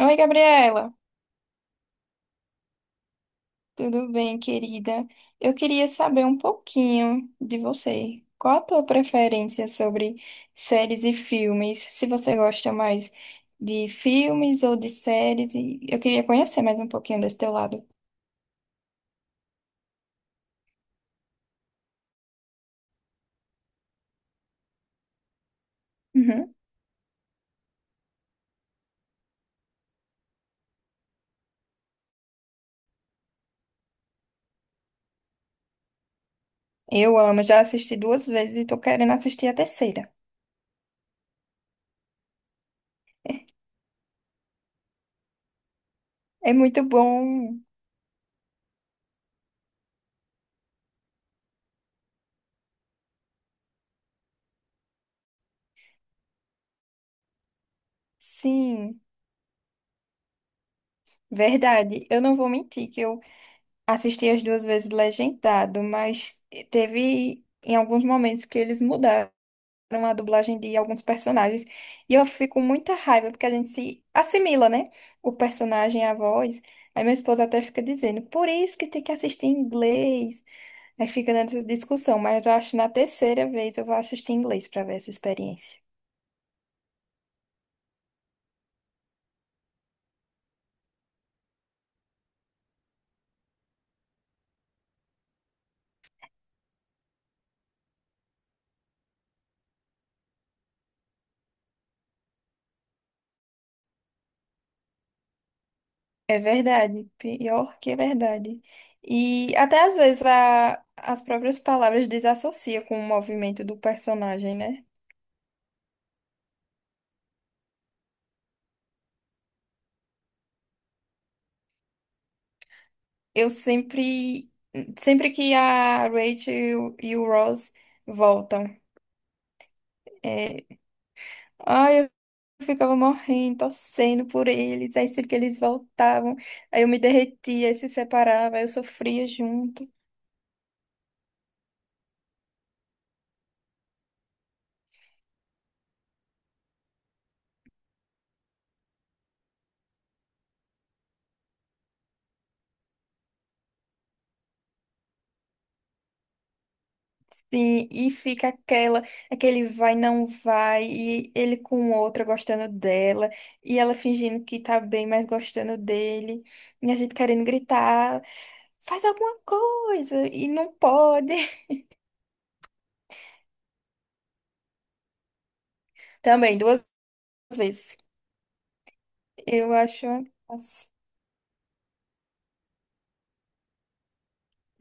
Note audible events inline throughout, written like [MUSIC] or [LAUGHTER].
Oi, Gabriela. Tudo bem, querida? Eu queria saber um pouquinho de você. Qual a tua preferência sobre séries e filmes? Se você gosta mais de filmes ou de séries, e eu queria conhecer mais um pouquinho desse teu lado. Uhum. Eu amo, já assisti duas vezes e tô querendo assistir a terceira. É muito bom. Sim, verdade. Eu não vou mentir que eu assisti as duas vezes legendado, mas teve em alguns momentos que eles mudaram a dublagem de alguns personagens. E eu fico com muita raiva, porque a gente se assimila, né? O personagem, a voz. Aí meu esposo até fica dizendo, por isso que tem que assistir em inglês. Aí fica nessa discussão, mas eu acho que na terceira vez eu vou assistir em inglês para ver essa experiência. É verdade, pior que é verdade. E até às vezes as próprias palavras desassociam com o movimento do personagem, né? Eu sempre, sempre que a Rachel e o Ross voltam, é, ai, eu ficava morrendo, torcendo por eles. Aí sempre que eles voltavam, aí eu me derretia, aí se separava, aí eu sofria junto. Sim, e fica aquele vai, não vai, e ele com outra gostando dela, e ela fingindo que tá bem, mas gostando dele, e a gente querendo gritar, faz alguma coisa, e não pode. [LAUGHS] Também, duas vezes. Eu acho.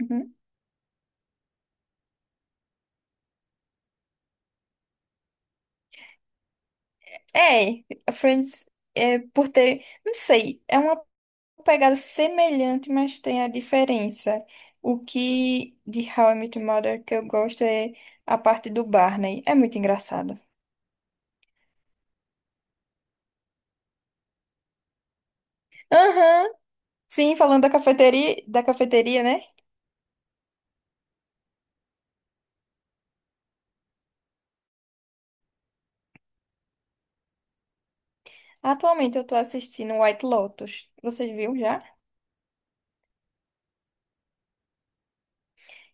Uhum. É, Friends é por ter, não sei, é uma pegada semelhante, mas tem a diferença. O que de How I Met Your Mother que eu gosto é a parte do Barney. É muito engraçado. Aham. Sim, falando da cafeteria, né? Atualmente eu tô assistindo White Lotus. Vocês viram já?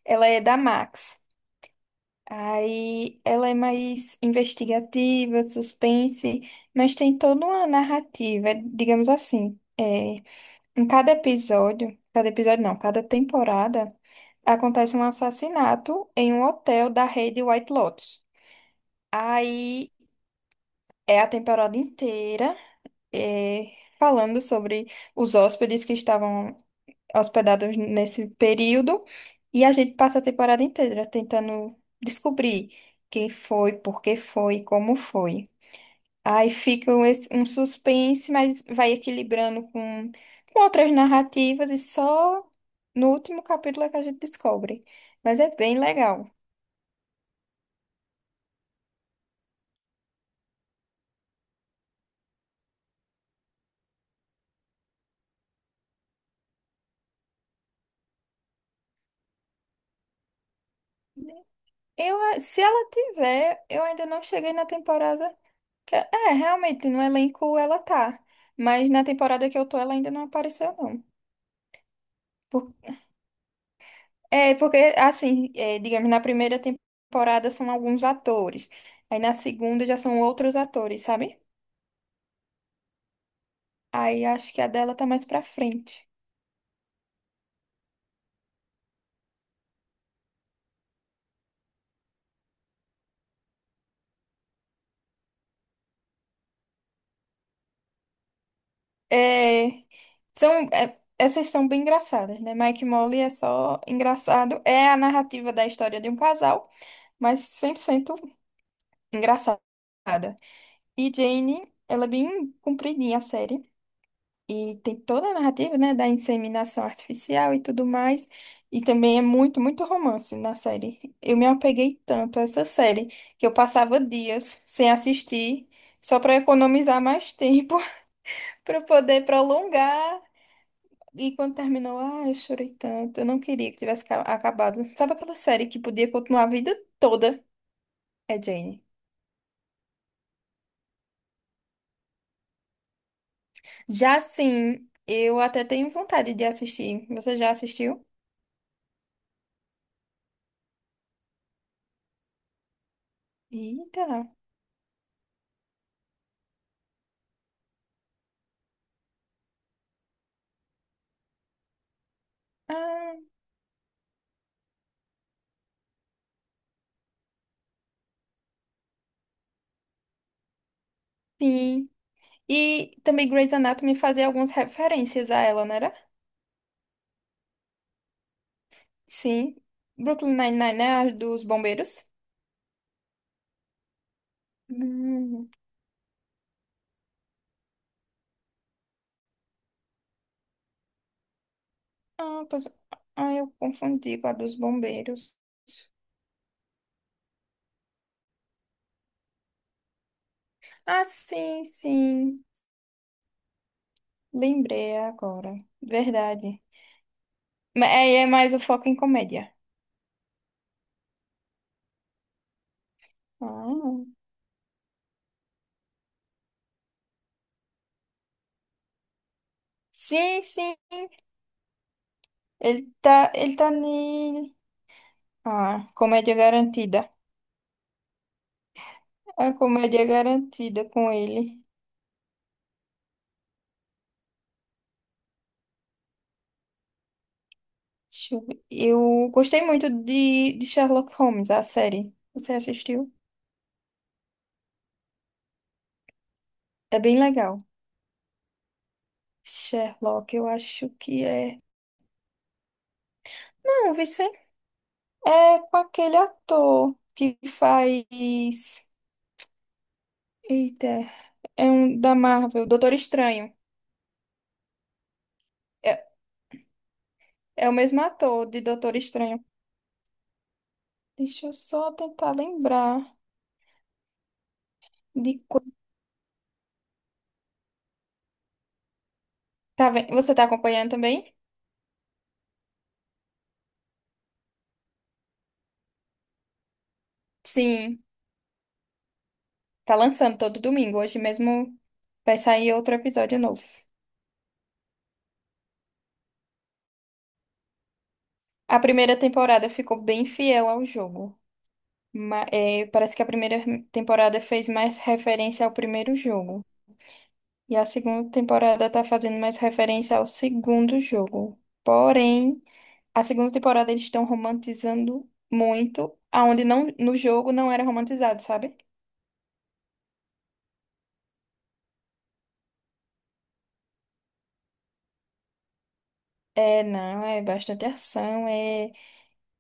Ela é da Max. Aí ela é mais investigativa, suspense, mas tem toda uma narrativa, digamos assim. É, em cada episódio não, cada temporada, acontece um assassinato em um hotel da rede White Lotus. Aí é a temporada inteira, é, falando sobre os hóspedes que estavam hospedados nesse período. E a gente passa a temporada inteira tentando descobrir quem foi, por que foi, como foi. Aí fica um suspense, mas vai equilibrando com outras narrativas e só no último capítulo é que a gente descobre. Mas é bem legal. Se ela tiver, eu ainda não cheguei na temporada. É, realmente, no elenco ela tá. Mas na temporada que eu tô, ela ainda não apareceu, não. É, porque, assim, é, digamos, na primeira temporada são alguns atores. Aí na segunda já são outros atores, sabe? Aí acho que a dela tá mais pra frente. É, são, é, essas são bem engraçadas, né? Mike e Molly é só engraçado. É a narrativa da história de um casal, mas 100% engraçada. E Jane, ela é bem compridinha a série. E tem toda a narrativa, né, da inseminação artificial e tudo mais. E também é muito, muito romance na série. Eu me apeguei tanto a essa série que eu passava dias sem assistir, só para economizar mais tempo, [LAUGHS] para poder prolongar. E quando terminou, ah, eu chorei tanto. Eu não queria que tivesse acabado. Sabe aquela série que podia continuar a vida toda? É Jane. Já sim, eu até tenho vontade de assistir. Você já assistiu? Eita. Ah, sim. E também Grey's Anatomy fazia algumas referências a ela, não era? Sim. Brooklyn Nine-Nine, né? A dos bombeiros. Hum. Ah, pois... ah, eu confundi com a dos bombeiros. Ah, sim, sim. Lembrei agora. Verdade. É, é mais o foco em comédia. Ah. Sim, sim. Ele tá ne... Ah, comédia garantida. A comédia garantida com ele. Deixa eu ver. Eu gostei muito de Sherlock Holmes, a série. Você assistiu? É bem legal. Sherlock, eu acho que é. Não, Vice, é com aquele ator que faz. Eita, é um da Marvel, Doutor Estranho. É, é o mesmo ator de Doutor Estranho. Deixa eu só tentar lembrar de. Tá vendo? Você tá acompanhando também? Sim, tá lançando todo domingo. Hoje mesmo vai sair outro episódio novo. A primeira temporada ficou bem fiel ao jogo. É, parece que a primeira temporada fez mais referência ao primeiro jogo. E a segunda temporada está fazendo mais referência ao segundo jogo. Porém, a segunda temporada eles estão romantizando muito, aonde não, no jogo não era romantizado, sabe? É, não, é bastante ação,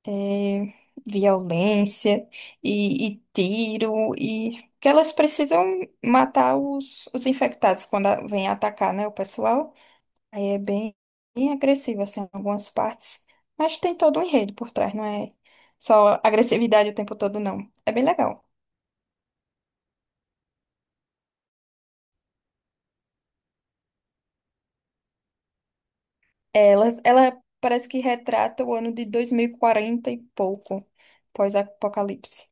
é, violência e tiro e que elas precisam matar os infectados quando vem atacar, né, o pessoal. Aí é bem, bem agressivo assim em algumas partes, mas tem todo um enredo por trás, não é só agressividade o tempo todo não. É bem legal. Ela parece que retrata o ano de 2040 e pouco, pós-apocalipse.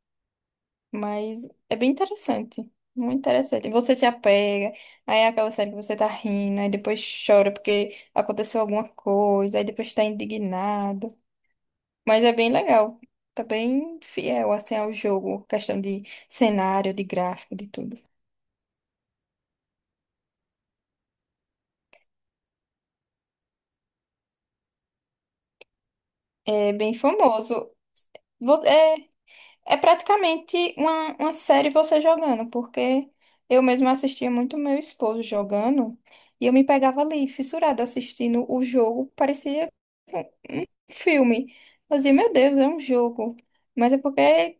Mas é bem interessante. Muito interessante. E você se apega, aí é aquela série que você tá rindo, aí depois chora porque aconteceu alguma coisa, aí depois tá indignado. Mas é bem legal. Tá bem fiel, assim, ao jogo. Questão de cenário, de gráfico, de tudo. É bem famoso. É, é praticamente uma série você jogando, porque eu mesma assistia muito meu esposo jogando e eu me pegava ali, fissurada, assistindo o jogo. Parecia filme. Eu dizia, meu Deus, é um jogo. Mas é porque é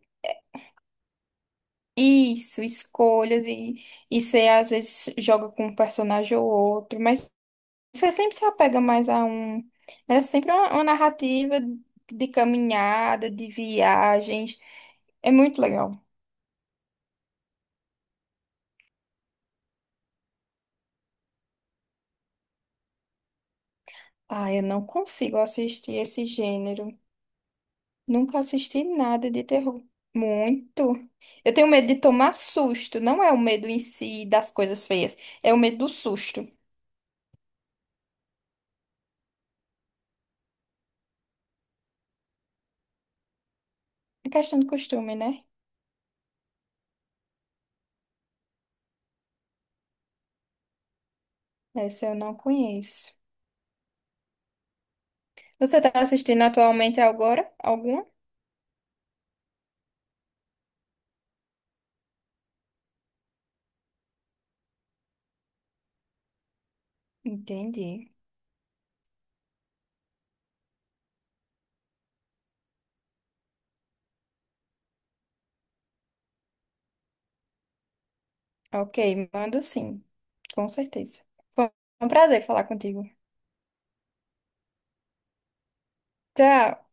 isso, e você às vezes joga com um personagem ou outro, mas você sempre se apega mais a um. É sempre uma narrativa de caminhada, de viagens. É muito legal. Ah, eu não consigo assistir esse gênero. Nunca assisti nada de terror. Muito. Eu tenho medo de tomar susto. Não é o medo em si das coisas feias, é o medo do susto. É questão de costume, né? Essa eu não conheço. Você tá assistindo atualmente agora? Alguma? Entendi. Ok, mando sim. Com certeza. Foi um prazer falar contigo. Tchau.